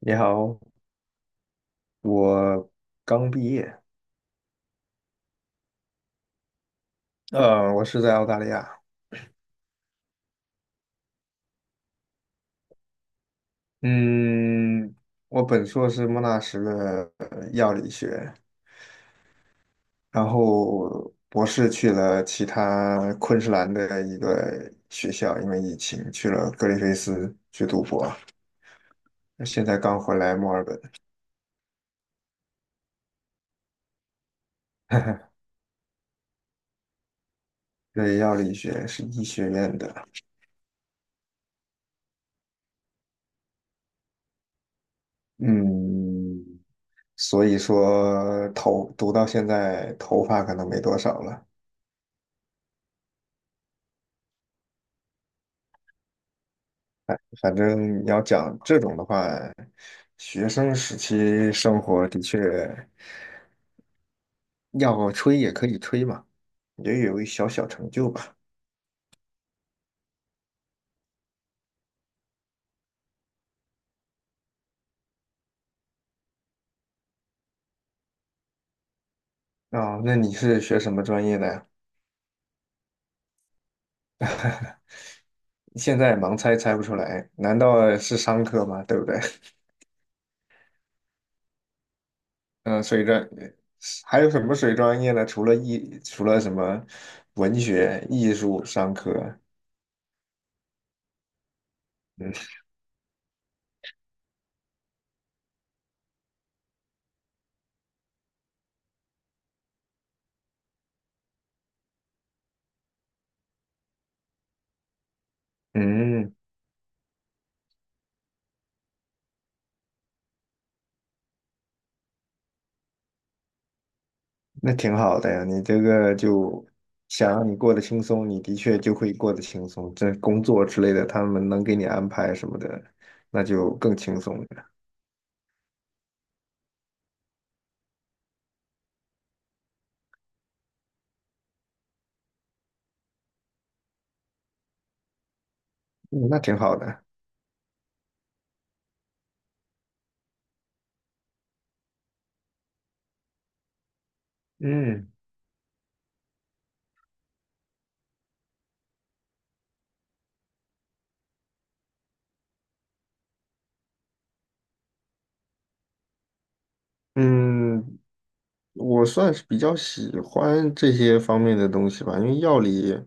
你好，我刚毕业。我是在澳大利亚。嗯，我本硕是莫纳什的药理学，然后博士去了其他昆士兰的一个学校，因为疫情去了格里菲斯去读博，现在刚回来墨尔本。对，药理学是医学院的。嗯，所以说头读到现在头发可能没多少了。反正你要讲这种的话，学生时期生活的确要吹也可以吹嘛，也有一小小成就吧。啊，那你是学什么专业的呀？现在盲猜猜不出来，难道是商科吗？对不对？嗯，还有什么水专业呢？除了什么文学、艺术、商科？嗯嗯，那挺好的呀，你这个就想让你过得轻松，你的确就会过得轻松。这工作之类的，他们能给你安排什么的，那就更轻松了。嗯，那挺好的。嗯嗯，我算是比较喜欢这些方面的东西吧，因为药理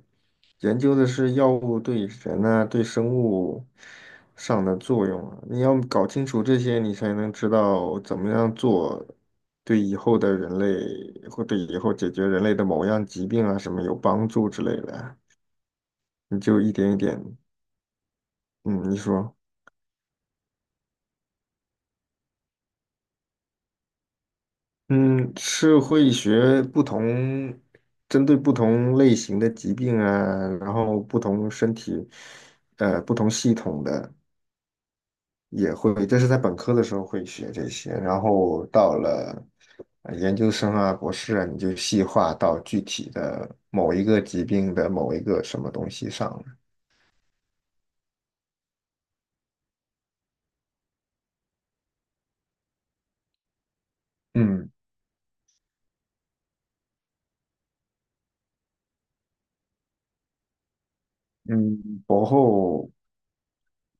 研究的是药物对人啊、对生物上的作用啊，你要搞清楚这些，你才能知道怎么样做，对以后的人类或对以后解决人类的某样疾病啊什么有帮助之类的啊，你就一点一点。嗯，你说。嗯，是会学不同，针对不同类型的疾病啊，然后不同身体，不同系统的也会，这是在本科的时候会学这些，然后到了研究生啊、博士啊，你就细化到具体的某一个疾病的某一个什么东西上了。嗯嗯，博后。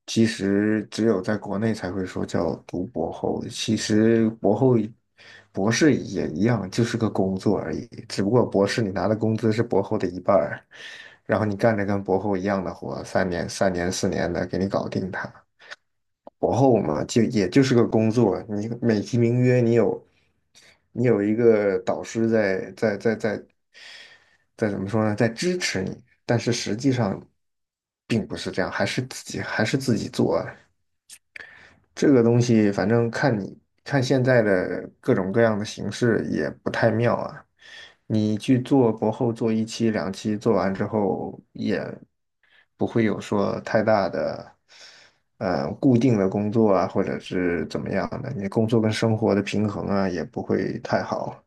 其实只有在国内才会说叫读博后，其实博后博士也一样，就是个工作而已，只不过博士你拿的工资是博后的一半儿，然后你干着跟博后一样的活，3年、3年、4年的给你搞定它。博后嘛，就也就是个工作，你美其名曰你有一个导师在在在在在怎么说呢，在支持你，但是实际上并不是这样，还是自己做。这个东西反正看你看现在的各种各样的形式也不太妙啊。你去做博后做一期两期，做完之后也不会有说太大的固定的工作啊，或者是怎么样的，你工作跟生活的平衡啊也不会太好。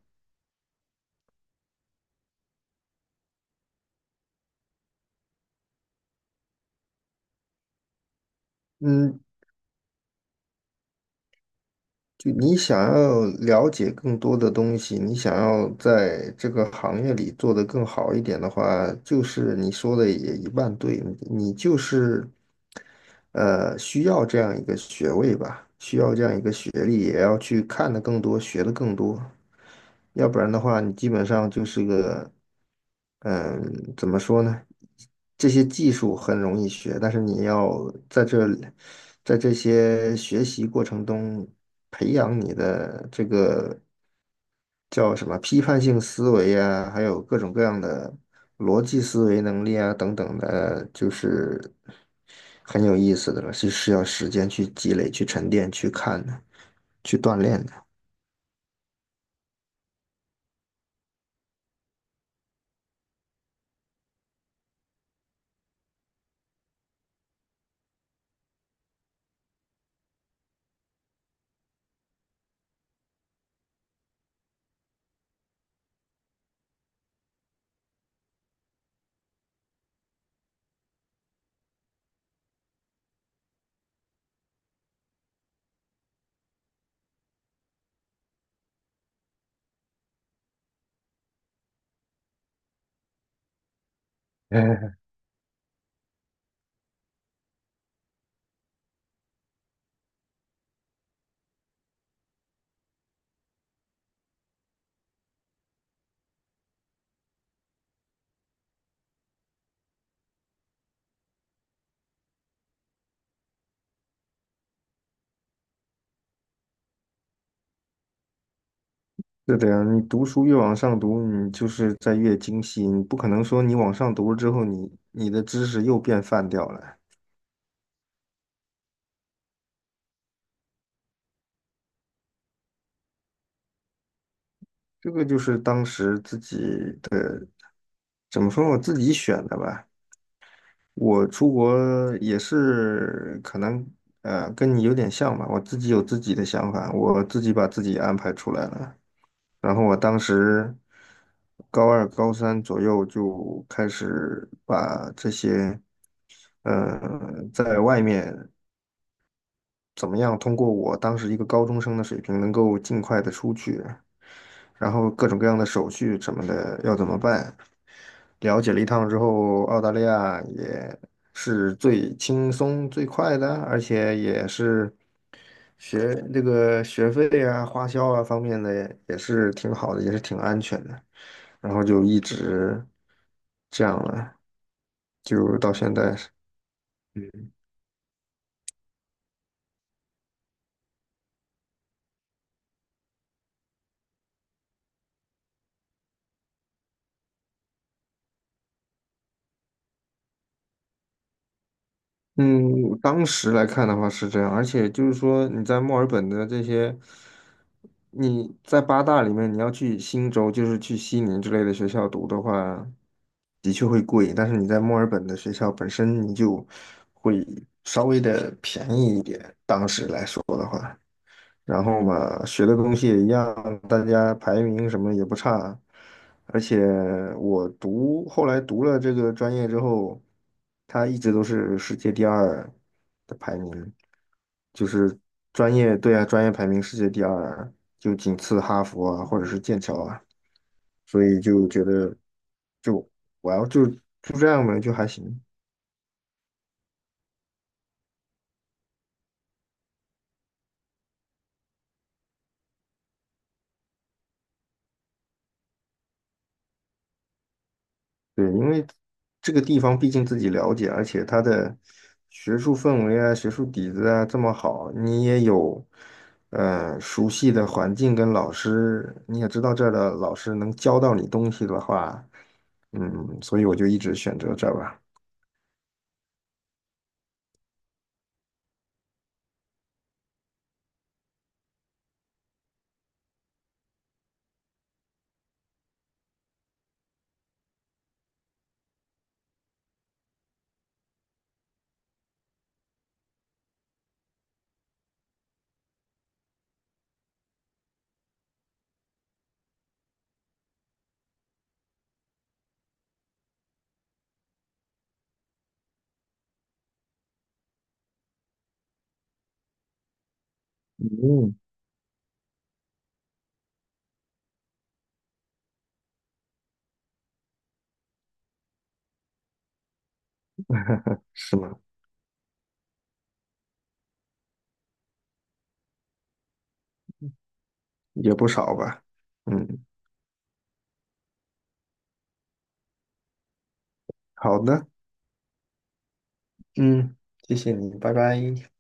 嗯，就你想要了解更多的东西，你想要在这个行业里做得更好一点的话，就是你说的也一半对，你就是需要这样一个学位吧，需要这样一个学历，也要去看得更多，学得更多。要不然的话，你基本上就是个，嗯，怎么说呢？这些技术很容易学，但是你要在这些学习过程中培养你的这个叫什么批判性思维啊，还有各种各样的逻辑思维能力啊等等的，就是很有意思的了，是需要时间去积累、去沉淀、去看的、去锻炼的。是的呀，你读书越往上读，你就是在越精细。你不可能说你往上读了之后你，你的知识又变泛掉了。这个就是当时自己的，怎么说，我自己选的吧。我出国也是可能，跟你有点像吧。我自己有自己的想法，我自己把自己安排出来了。然后我当时高二、高三左右就开始把这些。呃，在外面怎么样通过我当时一个高中生的水平，能够尽快的出去，然后各种各样的手续什么的要怎么办？了解了一趟之后，澳大利亚也是最轻松最快的，而且也是学这个学费啊、花销啊方面的也是挺好的，也是挺安全的。然后就一直这样了，就到现在。嗯，当时来看的话是这样，而且就是说你在墨尔本的这些，你在八大里面你要去新州，就是去悉尼之类的学校读的话，的确会贵，但是你在墨尔本的学校本身你就会稍微的便宜一点，当时来说的话。然后嘛，学的东西也一样，大家排名什么也不差，而且后来读了这个专业之后，它一直都是世界第二的排名，就是专业，对啊，专业排名世界第二，就仅次哈佛啊，或者是剑桥啊，所以就觉得就我要就这样吧，就还行。对，因为这个地方毕竟自己了解，而且它的学术氛围啊、学术底子啊这么好，你也有熟悉的环境跟老师，你也知道这儿的老师能教到你东西的话，嗯，所以我就一直选择这儿吧。嗯，是吗？也不少吧。嗯，好的，嗯，谢谢你，拜拜。